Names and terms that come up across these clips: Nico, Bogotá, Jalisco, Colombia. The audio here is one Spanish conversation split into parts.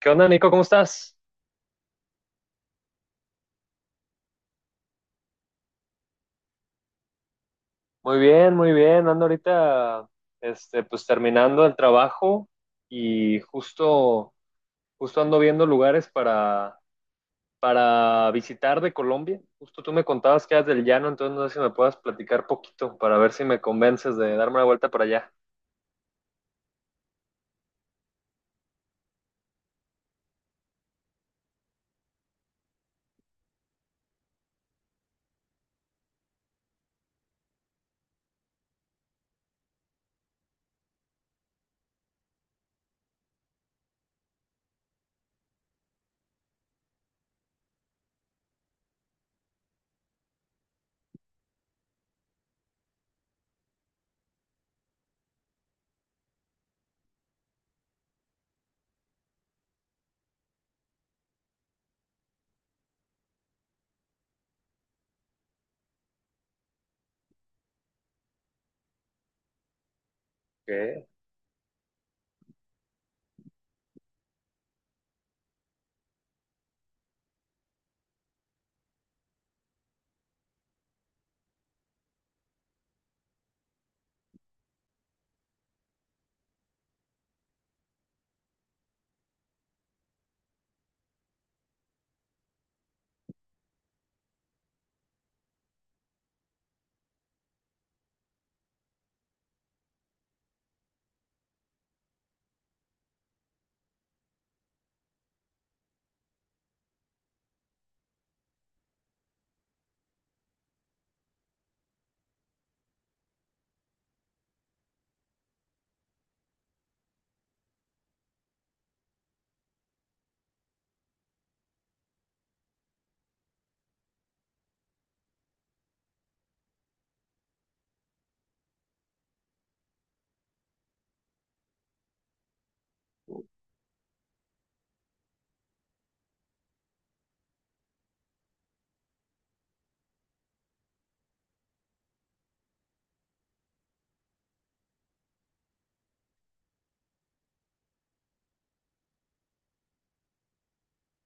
¿Qué onda, Nico? ¿Cómo estás? Muy bien, muy bien. Ando ahorita, este, pues terminando el trabajo y justo ando viendo lugares para visitar de Colombia. Justo tú me contabas que eras del llano, entonces no sé si me puedas platicar poquito para ver si me convences de darme una vuelta para allá. Qué,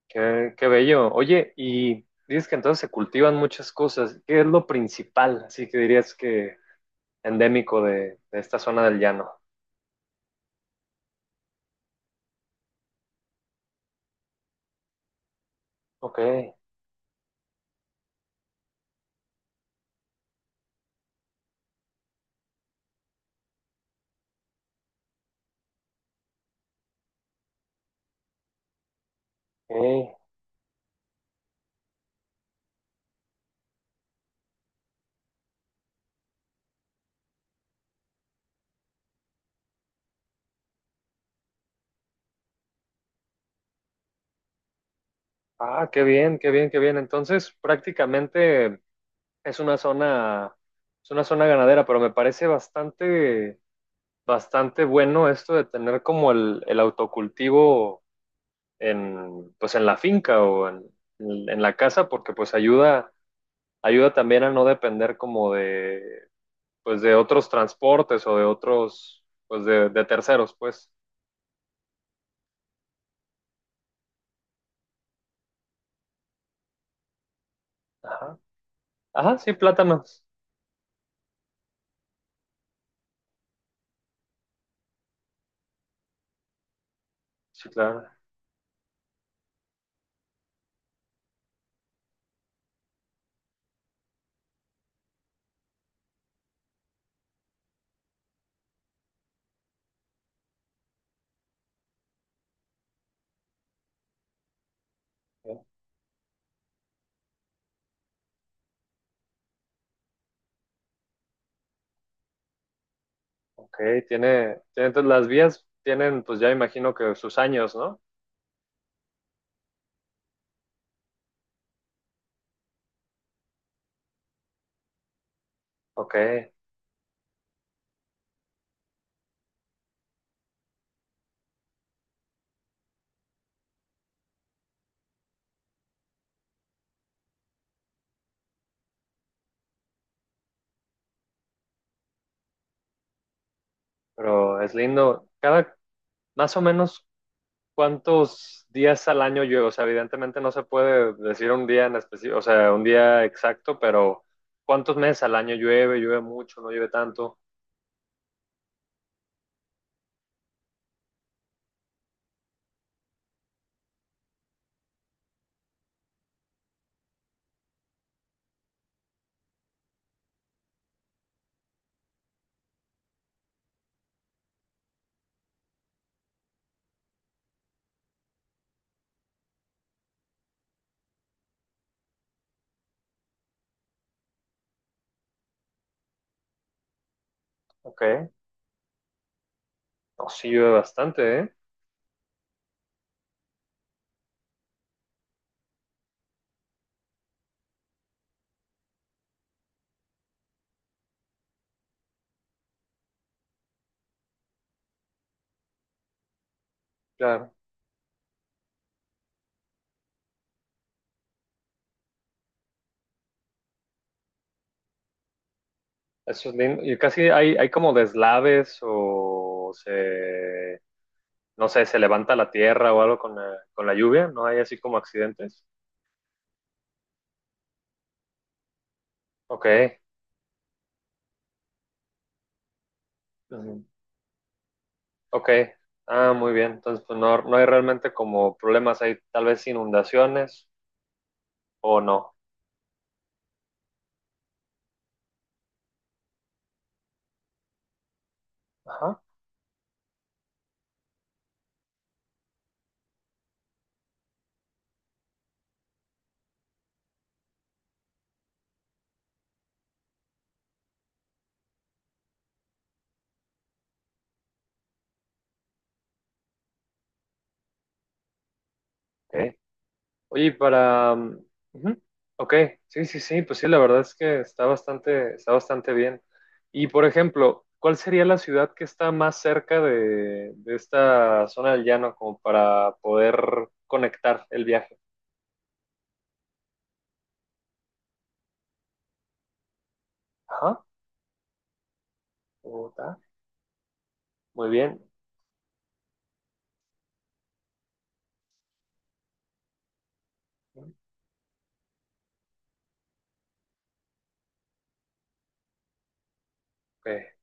qué bello. Oye, y dices que entonces se cultivan muchas cosas. ¿Qué es lo principal? Así que dirías que endémico de esta zona del llano. Ok, ok. Ah, qué bien, qué bien, qué bien. Entonces, prácticamente es una zona, es una zona ganadera, pero me parece bastante bueno esto de tener como el autocultivo pues en la finca o en la casa, porque pues ayuda también a no depender como de, pues de otros transportes o de otros, pues de terceros, pues. Ajá. Ajá, sí, plátanos. Sí, claro. Ok, tiene entonces las vías tienen, pues ya imagino que sus años, ¿no? Ok, pero es lindo. Cada, más o menos, ¿cuántos días al año llueve? O sea, evidentemente no se puede decir un día en específico, o sea, un día exacto, pero ¿cuántos meses al año llueve? ¿Llueve mucho? ¿No llueve tanto? Ok, no, sí llueve bastante, ¿eh? Claro, eso es lindo. Y casi hay como deslaves o se, no sé, se levanta la tierra o algo con la lluvia, ¿no hay así como accidentes? Ok, ujú, ok. Ah, muy bien. Entonces, pues no, no hay realmente como problemas, hay tal vez inundaciones o no. Ajá, ok. Oye, y para, mm, ujú, ok, sí, sí, sí, pues sí, la verdad es que está bastante, bien. Y por ejemplo, ¿cuál sería la ciudad que está más cerca de esta zona del llano como para poder conectar el viaje? Ajá, Bogotá. Muy bien. Ok,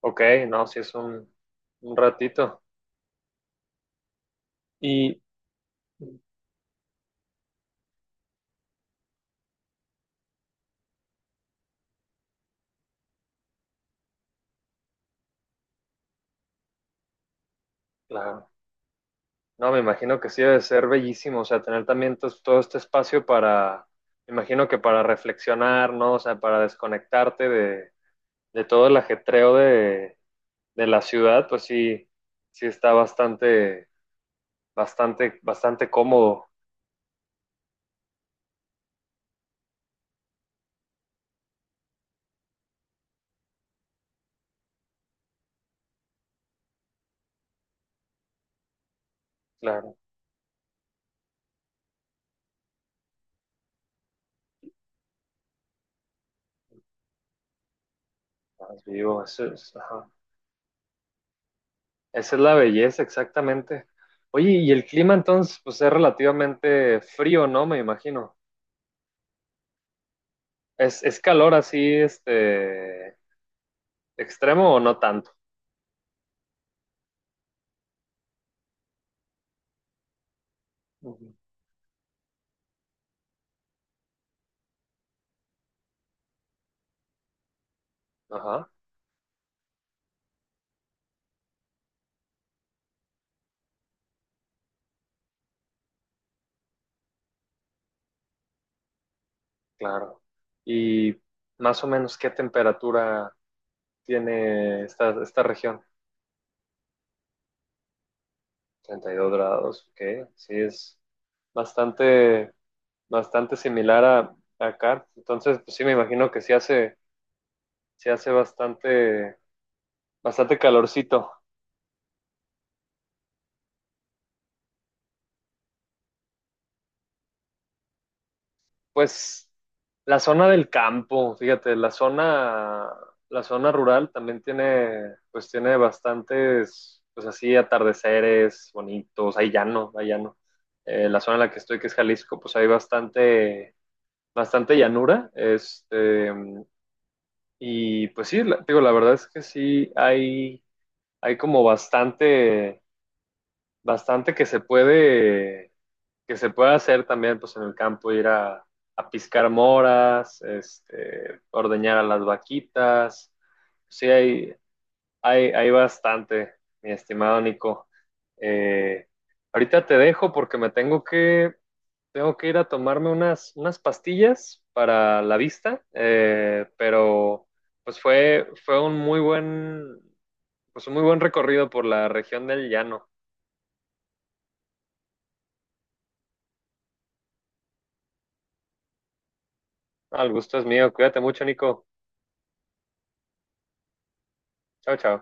ok, no, sí es un ratito. Y claro, no, me imagino que sí debe ser bellísimo, o sea, tener también todo este espacio para, me imagino que para reflexionar, ¿no? O sea, para desconectarte de todo el ajetreo de la ciudad, pues sí, sí está bastante, bastante, bastante cómodo, claro, más vivo, eso es, ajá. Esa es la belleza, exactamente. Oye, y el clima entonces, pues es relativamente frío, ¿no? Me imagino. Es calor así, este. ¿Extremo o no tanto? Ujú. Ajá, claro. ¿Y más o menos qué temperatura tiene esta región? 32 grados, ok. Sí, es bastante, bastante similar a acá. Entonces, pues sí, me imagino que sí hace bastante, bastante calorcito. Pues la zona del campo, fíjate, la zona rural también tiene, pues tiene bastantes, pues así, atardeceres bonitos, hay llano, hay llano. La zona en la que estoy, que es Jalisco, pues hay bastante, bastante llanura, este, y pues sí, digo, la verdad es que sí, hay como bastante, bastante que se puede hacer también pues en el campo, ir a piscar moras, este, ordeñar a las vaquitas. Sí, hay bastante, mi estimado Nico. Eh, ahorita te dejo porque tengo que ir a tomarme unas pastillas para la vista, pero pues fue un muy buen recorrido por la región del llano. Al gusto es mío. Cuídate mucho, Nico. Chao, chao.